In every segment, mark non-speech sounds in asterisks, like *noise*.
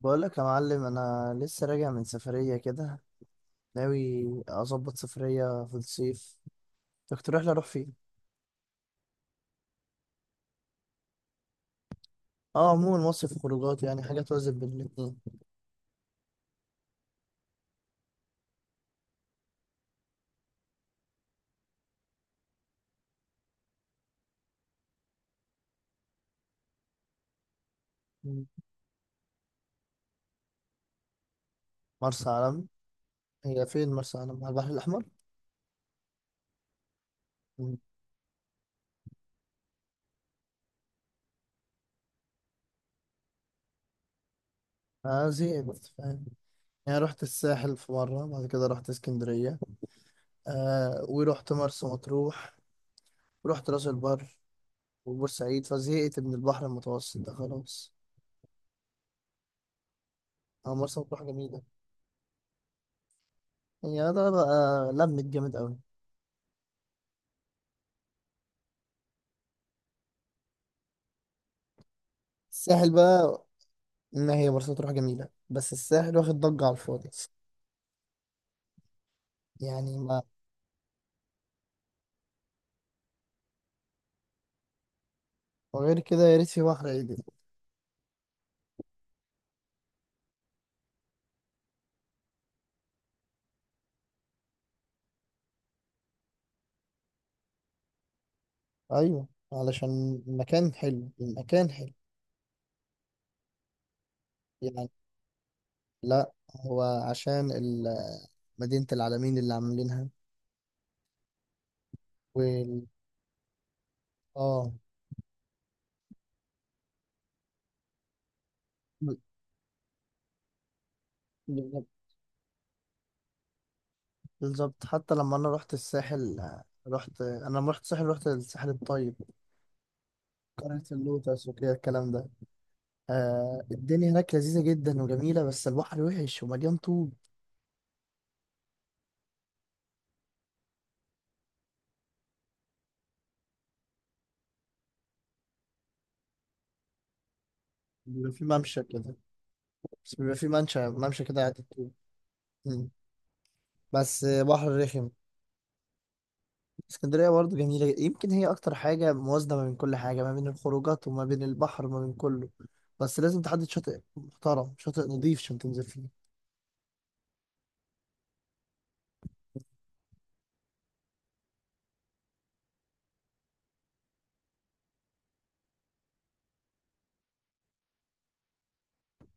بقولك يا معلم، انا لسه راجع من سفرية كده. ناوي اظبط سفرية في الصيف. تقترح لي اروح فين؟ اه، عموما مصيف خروجات، يعني حاجة توازن بين الاتنين. مم. مرسى علم؟ هي فين مرسى علم؟ على البحر الاحمر. مم. انا زهقت فاهم. يعني رحت الساحل في مرة، بعد كده رحت اسكندرية، آه ورحت مرسى مطروح، ورحت راس البر، وبورسعيد، فزهقت من البحر المتوسط ده خلاص. اه مرسى مطروح جميلة. هي ده بقى، لمت جامد قوي. الساحل بقى، ما هي مرسى مطروح جميلة بس الساحل واخد ضجة على الفاضي. يعني ما وغير كده يا ريت في بحر عدل. أيوة، علشان المكان حلو، المكان حلو. يعني، لا، هو عشان مدينة العالمين اللي عاملينها وال اه. بالظبط، بالظبط. حتى لما أنا رحت الساحل، رحت أنا لما رحت الساحل رحت الساحل الطيب، قرية اللوتس وكده الكلام ده. آه، الدنيا هناك لذيذة جدا وجميلة، بس البحر وحش ومليان طوب. بيبقى في ممشى كده، بس بيبقى في ممشى كده قاعد فيه. مم. بس بحر رخم. اسكندرية برضه جميلة، يمكن هي أكتر حاجة موازنة ما بين كل حاجة، ما بين الخروجات وما بين البحر وما بين كله. بس لازم تحدد شاطئ محترم، شاطئ نظيف عشان تنزل فيه.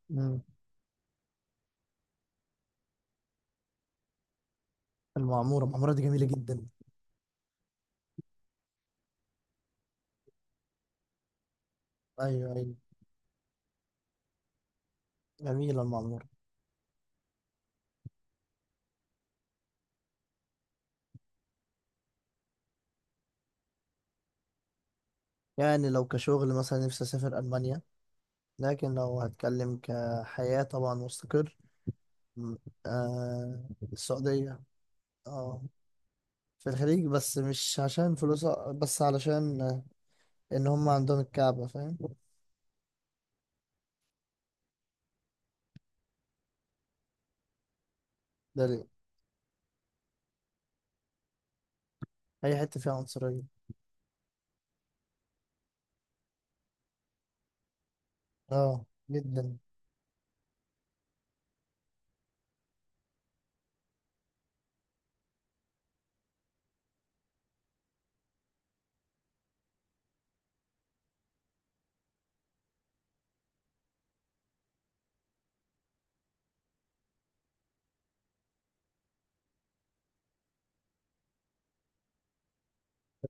مم. المعمورة، المعمورة دي جميلة جدا. أيوه أيوه، جميلة المعمورة. يعني لو كشغل مثلا، نفسي أسافر ألمانيا. لكن لو هتكلم كحياة، طبعا مستقر، مم. آه، السعودية. اه، في الخليج، بس مش عشان فلوسها، بس علشان ان هم عندهم الكعبة، فاهم؟ ده ليه؟ اي حتة فيها عنصرية. اه جدا.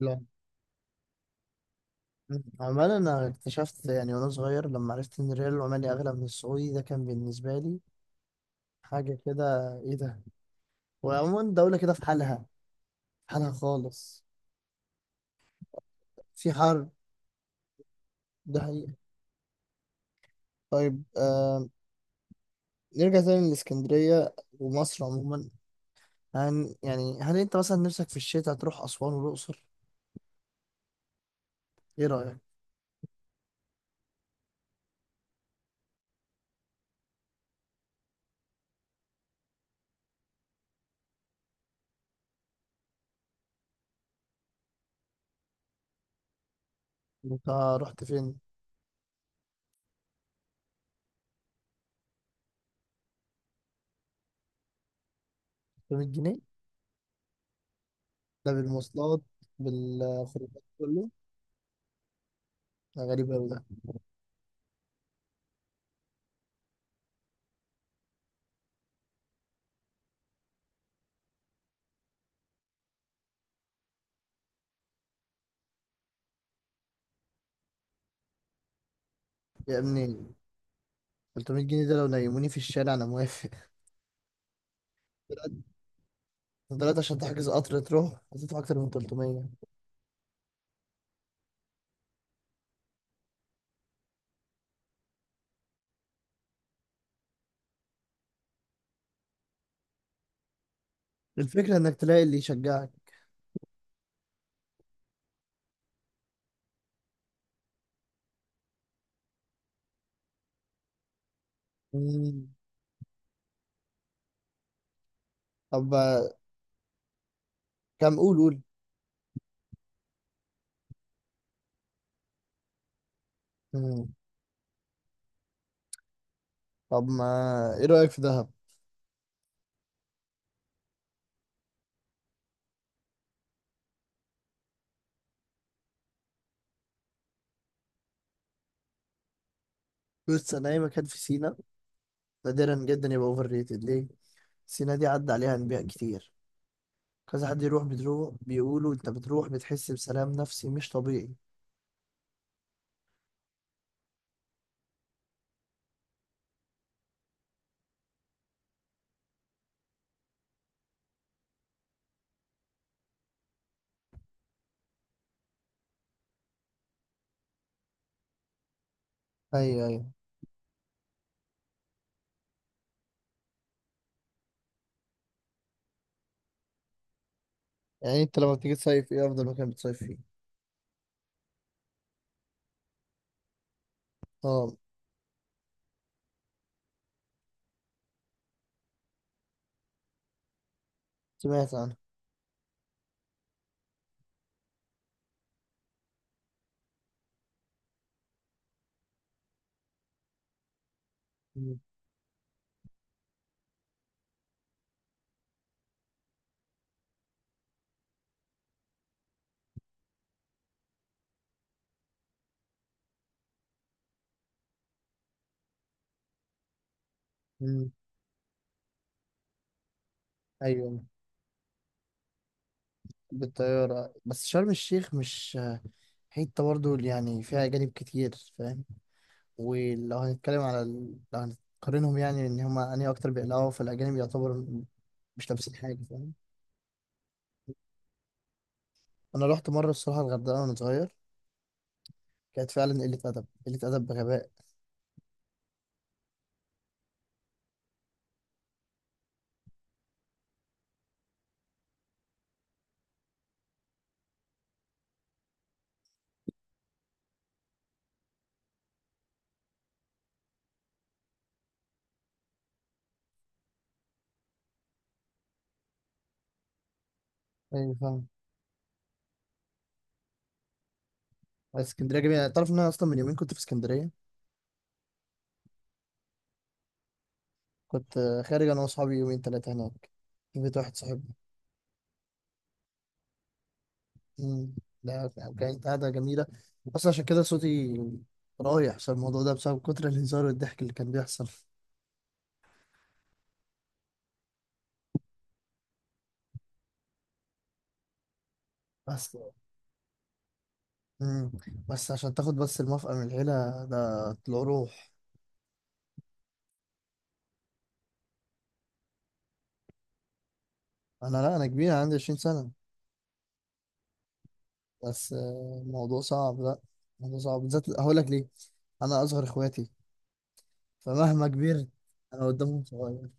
لا. عمال انا اكتشفت يعني وانا صغير لما عرفت ان الريال العماني اغلى من السعودي، ده كان بالنسبة لي حاجة كده، ايه ده؟ وعموما دولة كده في حالها، في حالها خالص. في حرب، ده حقيقة. طيب آه، نرجع تاني للإسكندرية ومصر عموما. هن يعني، هل انت مثلا نفسك في الشتاء تروح أسوان والأقصر؟ ايه رأيك؟ انت رحت فين؟ 300 جنيه؟ ده بالمواصلات، بالخروجات كله؟ ده غريب أوي ده. يا ابني، 300 جنيه ده لو نيموني في الشارع أنا موافق. دلوقتي عشان تحجز قطر تروح هتدفع أكتر من 300. الفكرة إنك تلاقي اللي يشجعك. مم. طب ما- كم، قول قول. مم. طب ما إيه رأيك في دهب؟ بص، أنا أي مكان في سينا نادرا جدا يبقى أوفر ريتد. ليه؟ سينا دي عدى عليها أنبياء كتير. كذا حد يروح، بتروح بيقولوا أنت بتروح بتحس بسلام نفسي مش طبيعي. أيوه أيوه. يعني انت لما بتيجي تصيف ايه افضل مكان بتصيف فيه؟ اه. سمعت عنه. مم. مم. ايوه، بالطياره. بس شرم الشيخ مش حته برضه اللي يعني فيها اجانب كتير، فاهم؟ ولو هنتكلم على ال... لو هنقارنهم يعني ان هما انهي اكتر بيقلقوا، فالاجانب يعتبر م- مش لابسين حاجه، فاهم؟ انا رحت مره الصراحه الغردقه وانا صغير. كانت فعلا قله ادب، قله ادب بغباء. ايوه فاهم. بس اسكندريه جميله. تعرف ان انا اصلا من يومين كنت في اسكندريه. كنت خارج انا واصحابي، يومين ثلاثه هناك في بيت واحد صاحبي. مم. لا، كانت قاعدة جميلة. بس عشان كده صوتي رايح، عشان الموضوع ده بسبب كتر الهزار والضحك اللي كان بيحصل. بس. مم. بس عشان تاخد بس الموافقة من العيلة، ده طلع روح. أنا، لا، أنا كبير، عندي 20 سنة. بس آه، الموضوع صعب. لا، الموضوع صعب، بالذات هقول لك ليه. أنا أصغر إخواتي، فمهما كبرت أنا قدامهم صغير.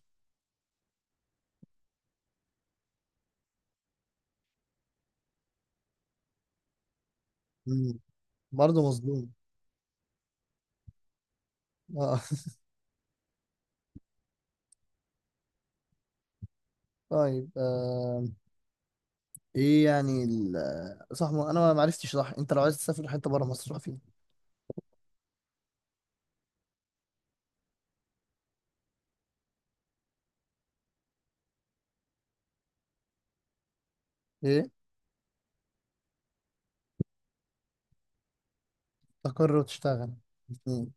مم. برضه مظلوم. آه. *laughs* طيب آه. إيه يعني صح، ما أنا ما عرفتش، صح أنت لو عايز تسافر حتة بره مصر روح فين؟ ايه، تستقر وتشتغل، الاثنين.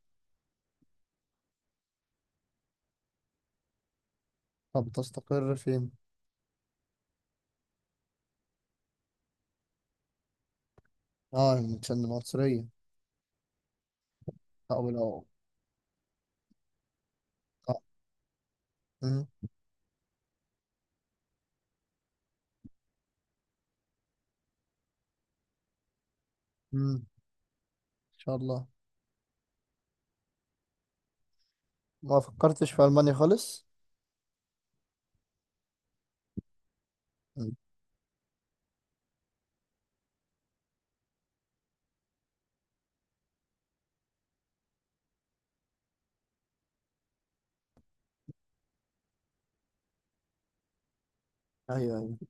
طب تستقر فين؟ اه، عشان العنصرية. او لو، اه، أمم، أمم، ان شاء الله. ما فكرتش في المانيا خالص؟ أمم، ايوه، أيوة.